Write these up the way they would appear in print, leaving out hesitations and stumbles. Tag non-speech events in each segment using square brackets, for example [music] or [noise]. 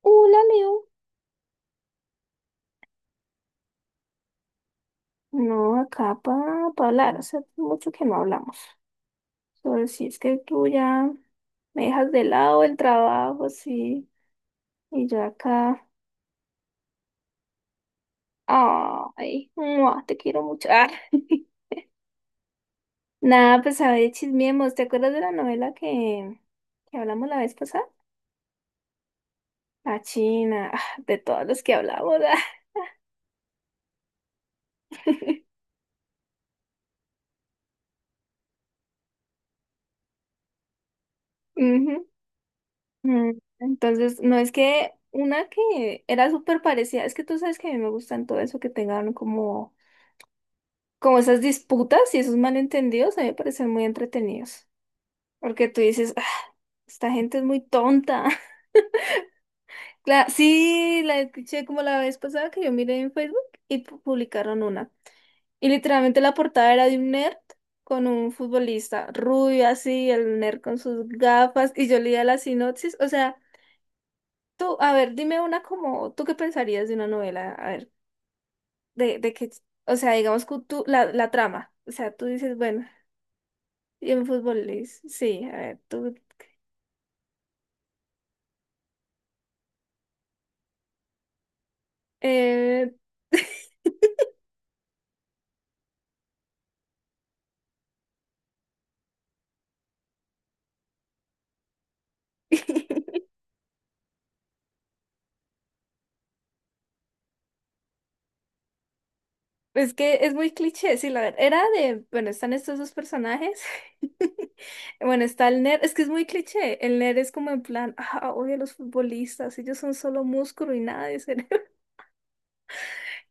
Hola, Leo. No, acá para hablar. Hace mucho que no hablamos. Sobre si es que tú ya me dejas de lado el trabajo, sí. Y yo acá. Ay, mua, te quiero mucho. Ah. [laughs] Nada, pues a ver, chismeemos. ¿Te acuerdas de la novela que hablamos la vez pasada? La China, ah, de todas las que hablamos. Ah. [laughs] Ujú. Mm, Entonces, no es que una que era súper parecida, es que tú sabes que a mí me gustan todo eso que tengan como esas disputas y esos malentendidos a mí me parecen muy entretenidos. Porque tú dices, "Ah, esta gente es muy tonta". [laughs] La, sí, la escuché como la vez pasada que yo miré en Facebook y publicaron una. Y literalmente la portada era de un nerd con un futbolista rubio así, el nerd con sus gafas, y yo leía la sinopsis. O sea, tú, a ver, dime una como, ¿tú qué pensarías de una novela? A ver, de, de que, o sea, digamos que tú, la trama. O sea, tú dices, bueno. Y en fútbol, Luis. Sí, a ver, tú. eh, [laughs] Es que es muy cliché, sí, la verdad. Era de, bueno, están estos dos personajes. [laughs] Bueno, está el nerd, es que es muy cliché. El nerd es como en plan, ah, odio a los futbolistas, ellos son solo músculo y nada de cerebro. [laughs]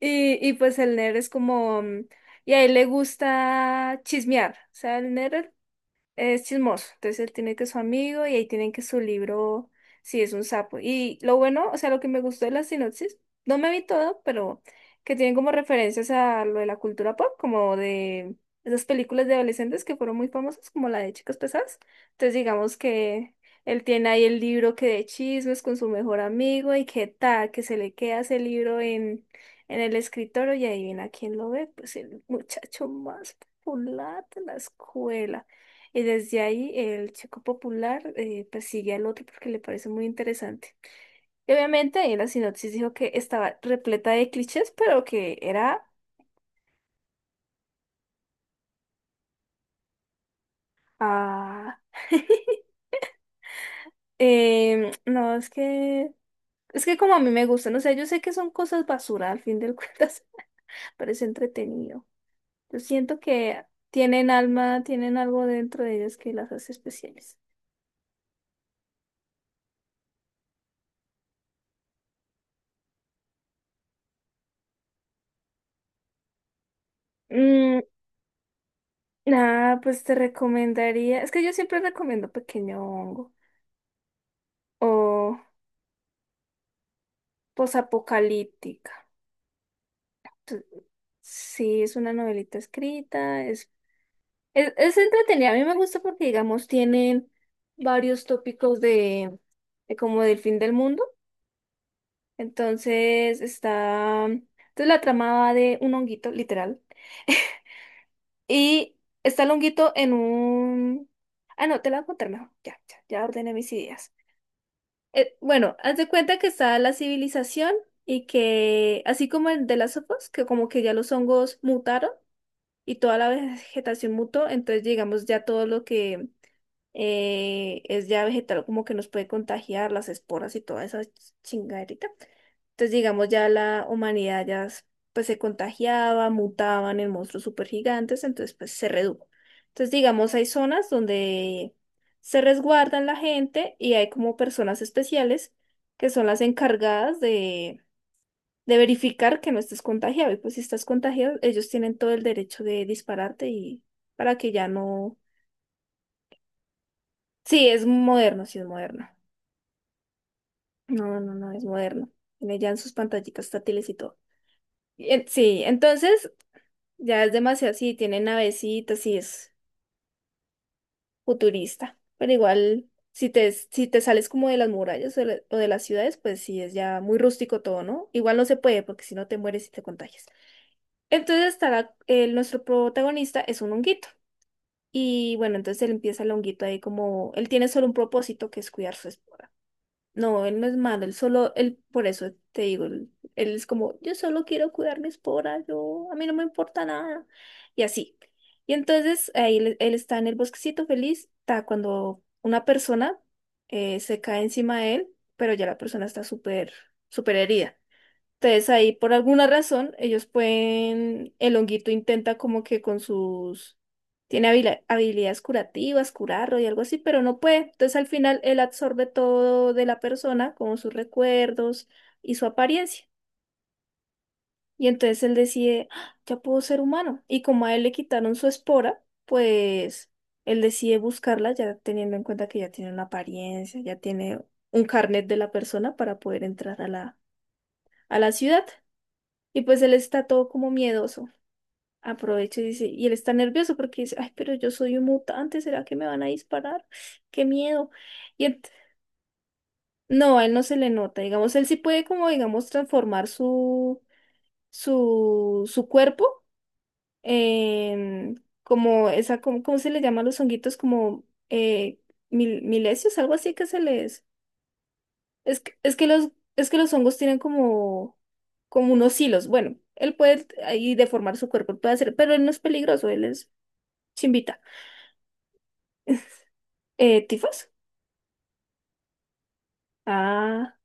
Y pues el nerd es como, y a él le gusta chismear. O sea, el nerd es chismoso, entonces él tiene que su amigo y ahí tienen que su libro, si es un sapo. Y lo bueno, o sea, lo que me gustó de la sinopsis, no me vi todo, pero que tienen como referencias a lo de la cultura pop, como de esas películas de adolescentes que fueron muy famosas, como la de Chicas Pesadas. Entonces digamos que él tiene ahí el libro que de chismes con su mejor amigo y que tal, que se le queda ese libro en el escritorio y adivina quién lo ve, pues el muchacho más popular de la escuela. Y desde ahí el Chico Popular persigue al otro porque le parece muy interesante. Y obviamente ahí en la sinopsis dijo que estaba repleta de clichés, pero que era... Ah, no, es que... Es que como a mí me gustan, o sea, yo sé que son cosas basura, al fin del [laughs] cuentas, pero es entretenido. Yo siento que tienen alma, tienen algo dentro de ellas que las hace especiales. Mm, nada, pues te recomendaría... Es que yo siempre recomiendo Pequeño Hongo. O posapocalíptica. Tu- Sí, es una novelita escrita, es entretenida. A mí me gusta porque, digamos, tienen varios tópicos de como del fin del mundo. Entonces la trama va de un honguito, literal. Y está el honguito en un... Ah, no, te la voy a contar mejor. Ya ordené mis ideas. Bueno, haz de cuenta que está la civilización y que, así como el de las sofos, que como que ya los hongos mutaron. Y toda la vegetación mutó, entonces digamos ya todo lo que es ya vegetal como que nos puede contagiar las esporas y toda esa chingaderita. Entonces digamos ya la humanidad ya pues se contagiaba, mutaban en monstruos supergigantes, entonces pues se redujo. Entonces digamos hay zonas donde se resguardan la gente y hay como personas especiales que son las encargadas de verificar que no estés contagiado. Y pues si estás contagiado, ellos tienen todo el derecho de dispararte y para que ya no. Sí, es moderno, sí es moderno. No, no, no, es moderno. Tiene ya en sus pantallitas táctiles y todo. Sí, entonces ya es demasiado, sí, tiene navecitas, sí es futurista. Pero igual, si te sales como de las murallas o de, o de las ciudades, pues sí es ya muy rústico todo, ¿no? Igual no se puede porque si no te mueres y te contagias. Entonces estará, nuestro protagonista es un honguito. Y bueno, entonces él empieza el honguito ahí como, él tiene solo un propósito que es cuidar su esposa. No, él no es malo, por eso te digo, él es como, yo solo quiero cuidar mi espora, yo, a mí no me importa nada. Y así. Y entonces ahí él está en el bosquecito feliz, está cuando una persona se cae encima de él, pero ya la persona está súper herida. Entonces ahí por alguna razón ellos pueden, el honguito intenta como que con sus, tiene habilidades curativas, curarlo y algo así, pero no puede. Entonces al final él absorbe todo de la persona, como sus recuerdos y su apariencia. Y entonces él decide, "Ah, ya puedo ser humano". Y como a él le quitaron su espora, pues él decide buscarla ya teniendo en cuenta que ya tiene una apariencia, ya tiene un carnet de la persona para poder entrar a a la ciudad. Y pues él está todo como miedoso. Aprovecha y dice, y él está nervioso porque dice, ay, pero yo soy un mutante, ¿será que me van a disparar? ¡Qué miedo! Y ent- no, a él no se le nota, digamos, él sí puede como, digamos, transformar su cuerpo en como esa, como, ¿cómo se le llaman los honguitos? Como eh, milesios, algo así que se les... Es que, es que los, es que los hongos tienen como, como unos hilos. Bueno, él puede ahí deformar su cuerpo, puede hacer, pero él no es peligroso, él es chimbita. ¿Tifos? Ah,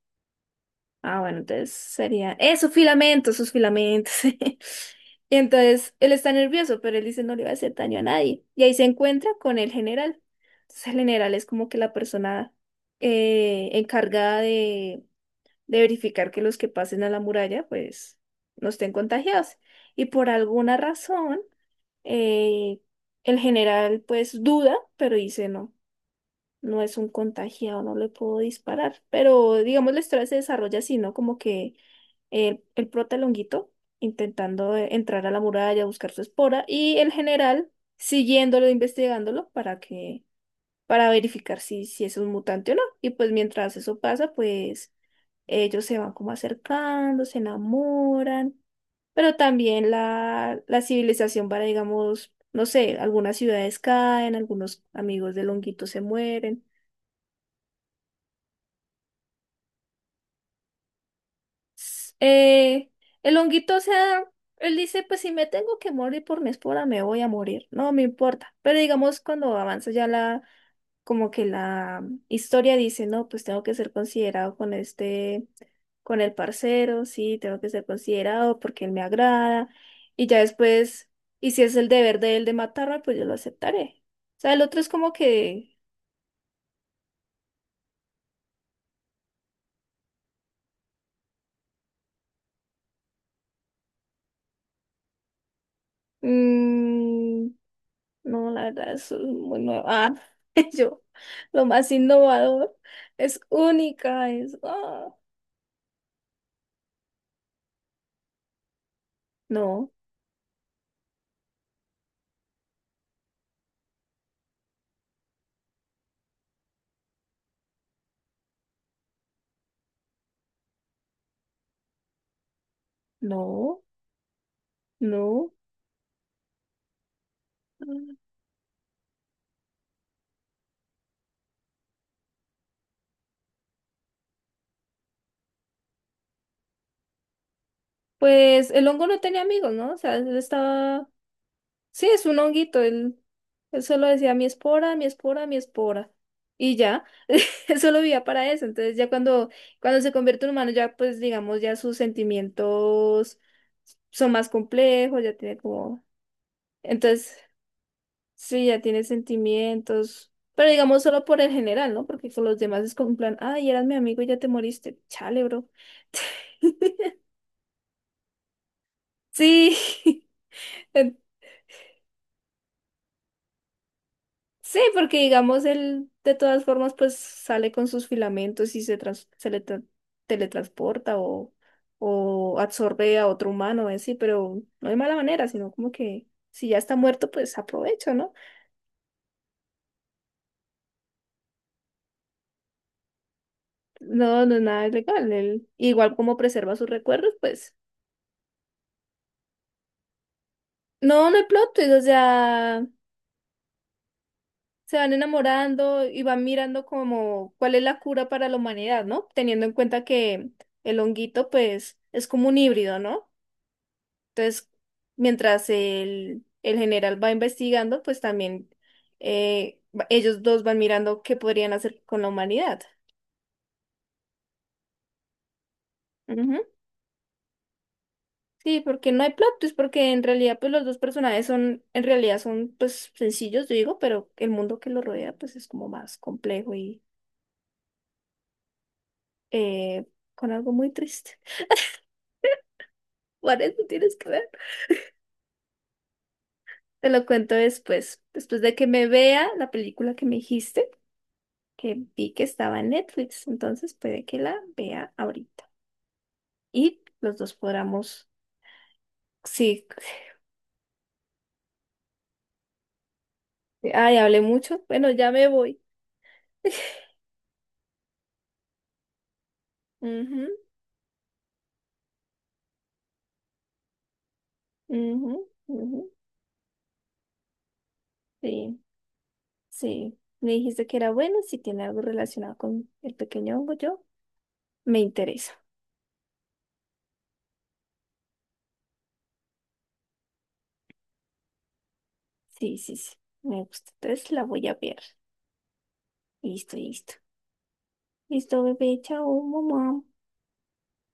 ah, bueno, entonces sería. ¡Eh, sus filamentos, sus filamentos! [laughs] Y entonces él está nervioso, pero él dice no le va a hacer daño a nadie. Y ahí se encuentra con el general. Entonces el general es como que la persona encargada de verificar que los que pasen a la muralla pues no estén contagiados. Y por alguna razón, eh, el general pues duda, pero dice no, no es un contagiado, no le puedo disparar. Pero digamos la historia se desarrolla así, ¿no? Como que el prota Longuito intentando entrar a la muralla, buscar su espora, y el general siguiéndolo, investigándolo para verificar si es un mutante o no. Y pues mientras eso pasa, pues ellos se van como acercando, se enamoran, pero también la civilización va, digamos, no sé, algunas ciudades caen, algunos amigos de Longuito se mueren. Eh, el honguito, o sea, él dice, pues si me tengo que morir por mi espora, me voy a morir, no me importa. Pero digamos, cuando avanza ya como que la historia dice, no, pues tengo que ser considerado con este, con el parcero, sí, tengo que ser considerado porque él me agrada. Y ya después, y si es el deber de él de matarme, pues yo lo aceptaré. O sea, el otro es como que... mm, no, la verdad, eso es muy nuevo. Ah, [laughs] yo, lo más innovador es única, es, ah, no, no, no. Mm. Pues el hongo no tenía amigos, ¿no? O sea, él estaba, sí, es un honguito, él solo decía mi espora, mi espora, mi espora. Y ya, [laughs] él solo vivía para eso. Entonces ya cuando se convierte en humano, ya pues digamos, ya sus sentimientos son más complejos, ya tiene como... Entonces sí, ya tiene sentimientos, pero digamos solo por el general, ¿no? Porque con los demás es como un plan, ay, eras mi amigo y ya te moriste. Chale, bro. [laughs] Sí, [laughs] en- sí, porque digamos él de todas formas pues sale con sus filamentos y se, teletransporta o absorbe a otro humano, ¿eh? Sí, pero no de mala manera, sino como que si ya está muerto pues aprovecho, ¿no? No, no es nada ilegal. Él, igual como preserva sus recuerdos, pues no, no hay plot twist, o sea... Se van enamorando y van mirando como cuál es la cura para la humanidad, ¿no? Teniendo en cuenta que el honguito, pues, es como un híbrido, ¿no? Entonces, mientras el general va investigando, pues también ellos dos van mirando qué podrían hacer con la humanidad. Ujú. Sí, porque no hay plot twist, porque en realidad, pues, los dos personajes son, en realidad son, pues, sencillos, yo digo, pero el mundo que los rodea, pues, es como más complejo y eh, con algo muy triste. Por eso tienes que ver. Te lo cuento después. Después de que me vea la película que me dijiste, que vi que estaba en Netflix. Entonces puede que la vea ahorita. Y los dos podamos. Sí. Ay, hablé mucho. Bueno, ya me voy. Ujú, ujú, ujú. Sí, sí. Me dijiste que era bueno. Si tiene algo relacionado con el pequeño hongo, yo me interesa. Sí, sí, sí. Me gusta. Entonces la voy a ver. Listo, listo. Listo, bebé. Chao, mamá.